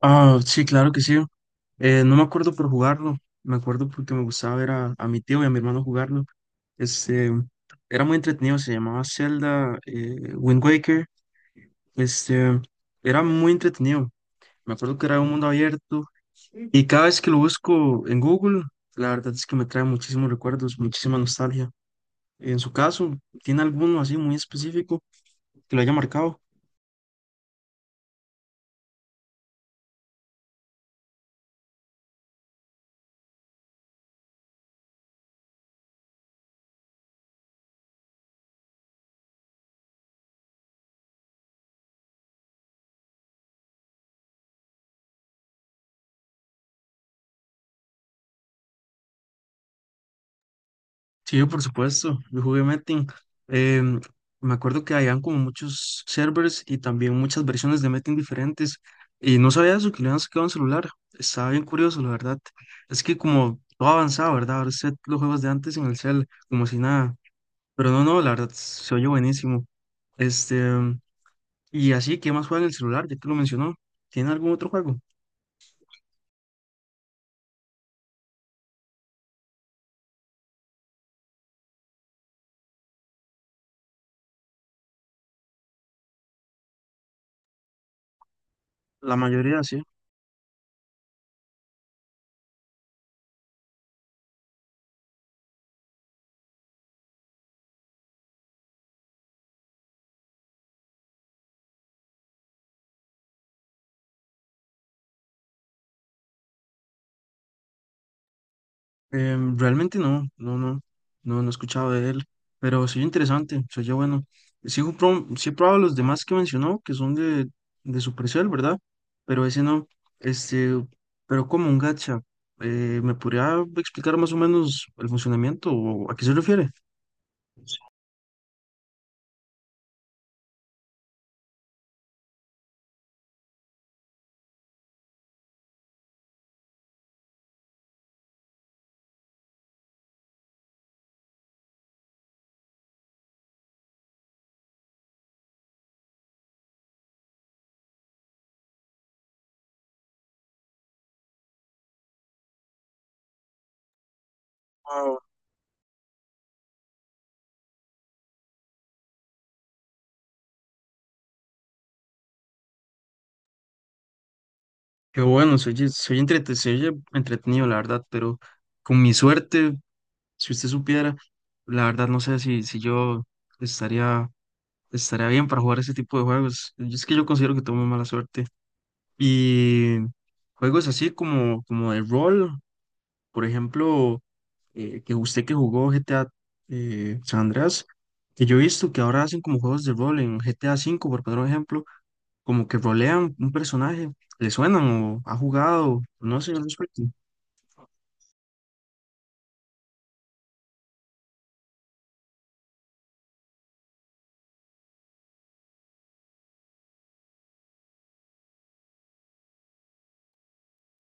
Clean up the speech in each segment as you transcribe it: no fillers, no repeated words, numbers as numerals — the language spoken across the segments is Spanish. Ah, sí, claro que sí. No me acuerdo por jugarlo, me acuerdo porque me gustaba ver a mi tío y a mi hermano jugarlo. Este, Era muy entretenido, se llamaba Zelda, Wind Waker. Este, Era muy entretenido. Me acuerdo que era un mundo abierto y cada vez que lo busco en Google, la verdad es que me trae muchísimos recuerdos, muchísima nostalgia. En su caso, ¿tiene alguno así muy específico que lo haya marcado? Sí, por supuesto, yo jugué Metin. Em, Me acuerdo que habían como muchos servers y también muchas versiones de Metin diferentes. Y no sabía eso, que le habían sacado un celular. Estaba bien curioso, la verdad. Es que como todo avanzado, ¿verdad? Ahora sé los juegos de antes en el cel, como si nada. Pero no, la verdad, se oye buenísimo. Este, y así, ¿qué más juega en el celular? Ya que lo mencionó. ¿Tiene algún otro juego? La mayoría, sí. Realmente no, he escuchado de él, pero sí interesante, se oye bueno. Sí, sí he probado los demás que mencionó, que son de Supercell, ¿verdad? Pero ese no, este, pero como un gacha, ¿me podría explicar más o menos el funcionamiento o a qué se refiere? Ah, qué bueno, se oye entretenido, la verdad, pero con mi suerte, si usted supiera, la verdad no sé si yo estaría. Estaría bien para jugar ese tipo de juegos. Yo considero que tengo muy mala suerte. Y juegos así como de rol, por ejemplo, que usted que jugó GTA San Andreas, que yo he visto que ahora hacen como juegos de rol en GTA 5 por poner un ejemplo, como que rolean un personaje, le suenan o ha jugado, no sé, al respecto.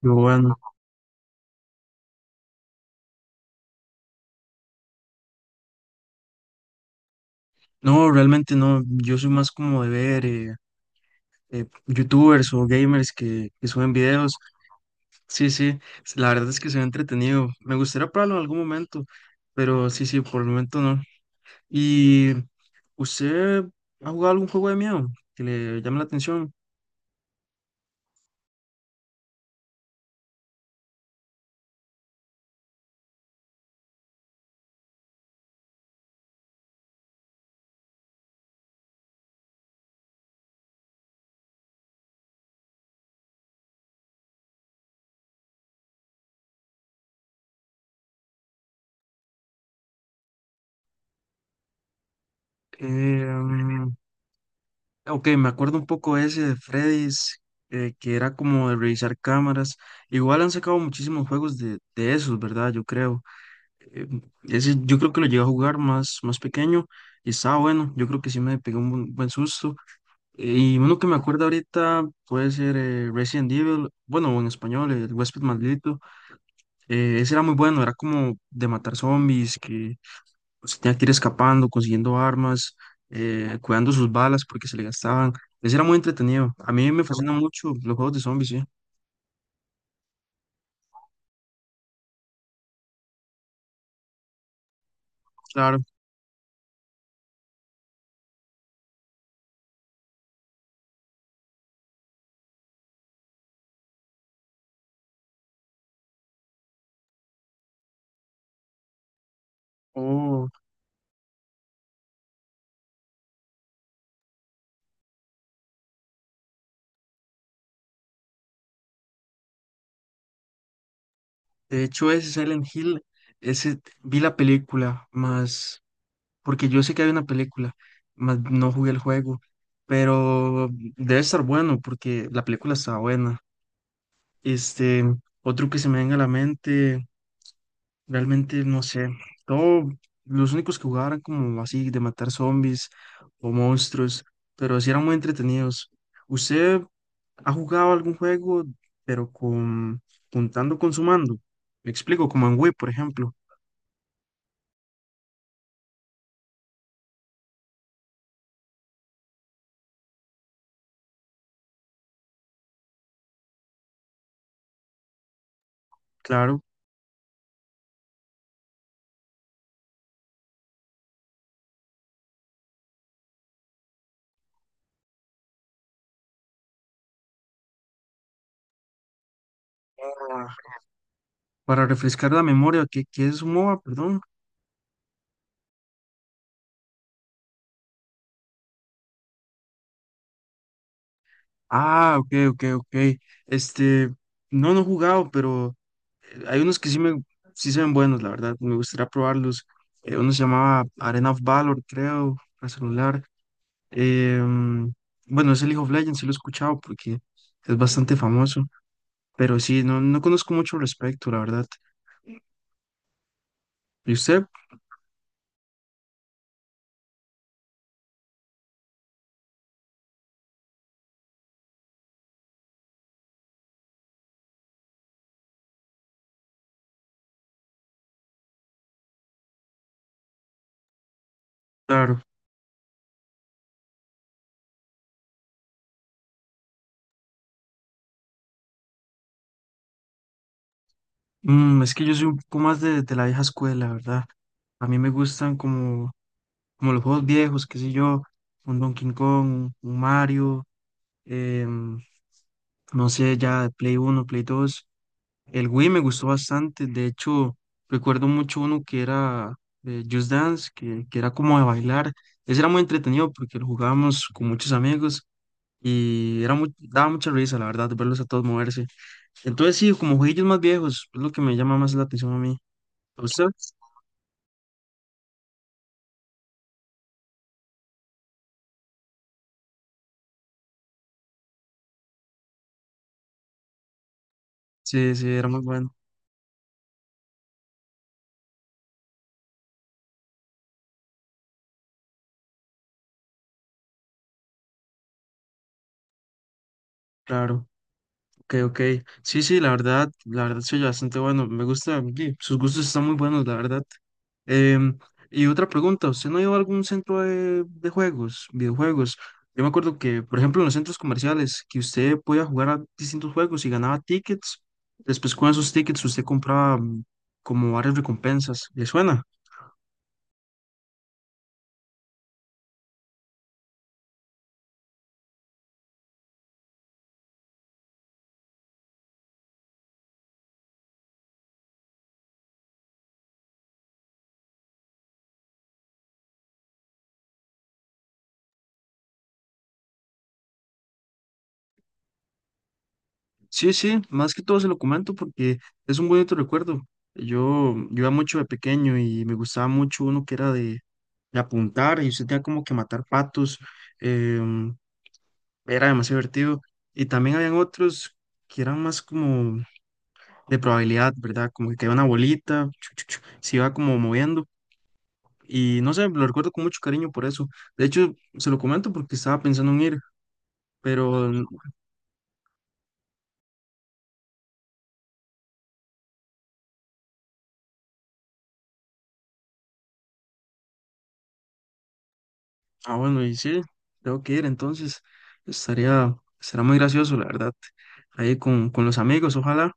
Pero bueno, no, realmente no, yo soy más como de ver youtubers o gamers que suben videos. Sí, sí, la verdad es que se ve entretenido. Me gustaría probarlo en algún momento, pero sí, sí, por el momento no. ¿Y usted ha jugado algún juego de miedo que le llame la atención? Eh, mm, ok, me acuerdo un poco ese de Freddy's, que era como de revisar cámaras. Igual han sacado muchísimos juegos de, esos, ¿verdad? Yo creo. Eh, Ese yo creo que lo llegué a jugar más, más pequeño y estaba bueno. Yo creo que sí me pegó un buen susto. Y uno que me acuerdo ahorita puede ser Resident Evil, bueno, en español, el huésped maldito. Ese era muy bueno, era como de matar zombies, que pues, tenía que ir escapando, consiguiendo armas, cuidando sus balas porque se le gastaban. Ese era muy entretenido. A mí me fascinan mucho los juegos de zombies, sí, claro. Oh, de hecho, ese Silent Hill, ese vi la película, más porque yo sé que hay una película, mas no jugué el juego, pero debe estar bueno porque la película está buena. Este, Otro que se me venga a la mente, realmente no sé, todo, los únicos que jugaban eran como así de matar zombies o monstruos, pero sí eran muy entretenidos. ¿Usted ha jugado algún juego, pero con juntando con su mando? Me explico, como en Wii, por ejemplo. Claro, para para refrescar la memoria, que es un MOBA, perdón. Ah, ok, ok, ok. Este, no, no he jugado, pero hay unos que sí sí se ven buenos, la verdad. Me gustaría probarlos. Uno se llamaba Arena of Valor, creo, para celular. Em, bueno, es el League of Legends, sí lo he escuchado porque es bastante famoso. Pero sí, no, no conozco mucho al respecto, la verdad. ¿Y usted? Claro. Mm, es que yo soy un poco más de, la vieja escuela, ¿verdad? A mí me gustan como, como los juegos viejos, qué sé yo, un Donkey Kong, un Mario. em, no sé, ya Play 1 Play 2. El Wii me gustó bastante, de hecho, recuerdo mucho uno que era Just Dance, que era como de bailar. Ese era muy entretenido porque lo jugábamos con muchos amigos y era muy, daba mucha risa, la verdad, verlos a todos moverse. Entonces, sí, como jueguillos más viejos, es lo que me llama más la atención a mí. ¿A usted? Sí, sí, era muy bueno, claro. Ok, ok. Sí, sí, la verdad soy bastante bueno. Me gusta, sí, sus gustos están muy buenos, la verdad. Em, y otra pregunta, ¿usted no ha ido a algún centro de, juegos, videojuegos? Yo me acuerdo que, por ejemplo, en los centros comerciales, que usted podía jugar a distintos juegos y ganaba tickets. Después con esos tickets usted compraba como varias recompensas. ¿Le suena? Sí, sí, más que todo se lo comento porque es un bonito recuerdo. Yo iba mucho de pequeño y me gustaba mucho uno que era de apuntar y usted tenía como que matar patos. em, Era demasiado divertido. Y también habían otros que eran más como de probabilidad, ¿verdad? Como que caía una bolita, chu, chu, chu, se iba como moviendo. Y no sé, lo recuerdo con mucho cariño por eso. De hecho, se lo comento porque estaba pensando en ir, pero, ah, bueno, y sí, tengo que ir, entonces estaría, será muy gracioso, la verdad. Ahí con, los amigos, ojalá.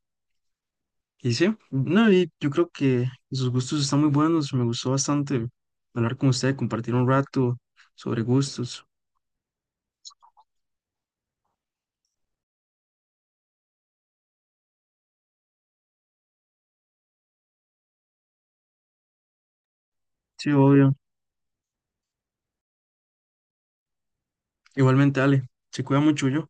Y sí, no, y yo creo que sus gustos están muy buenos. Me gustó bastante hablar con usted, compartir un rato sobre gustos. Sí, obvio. Igualmente, Ale, se cuida mucho yo.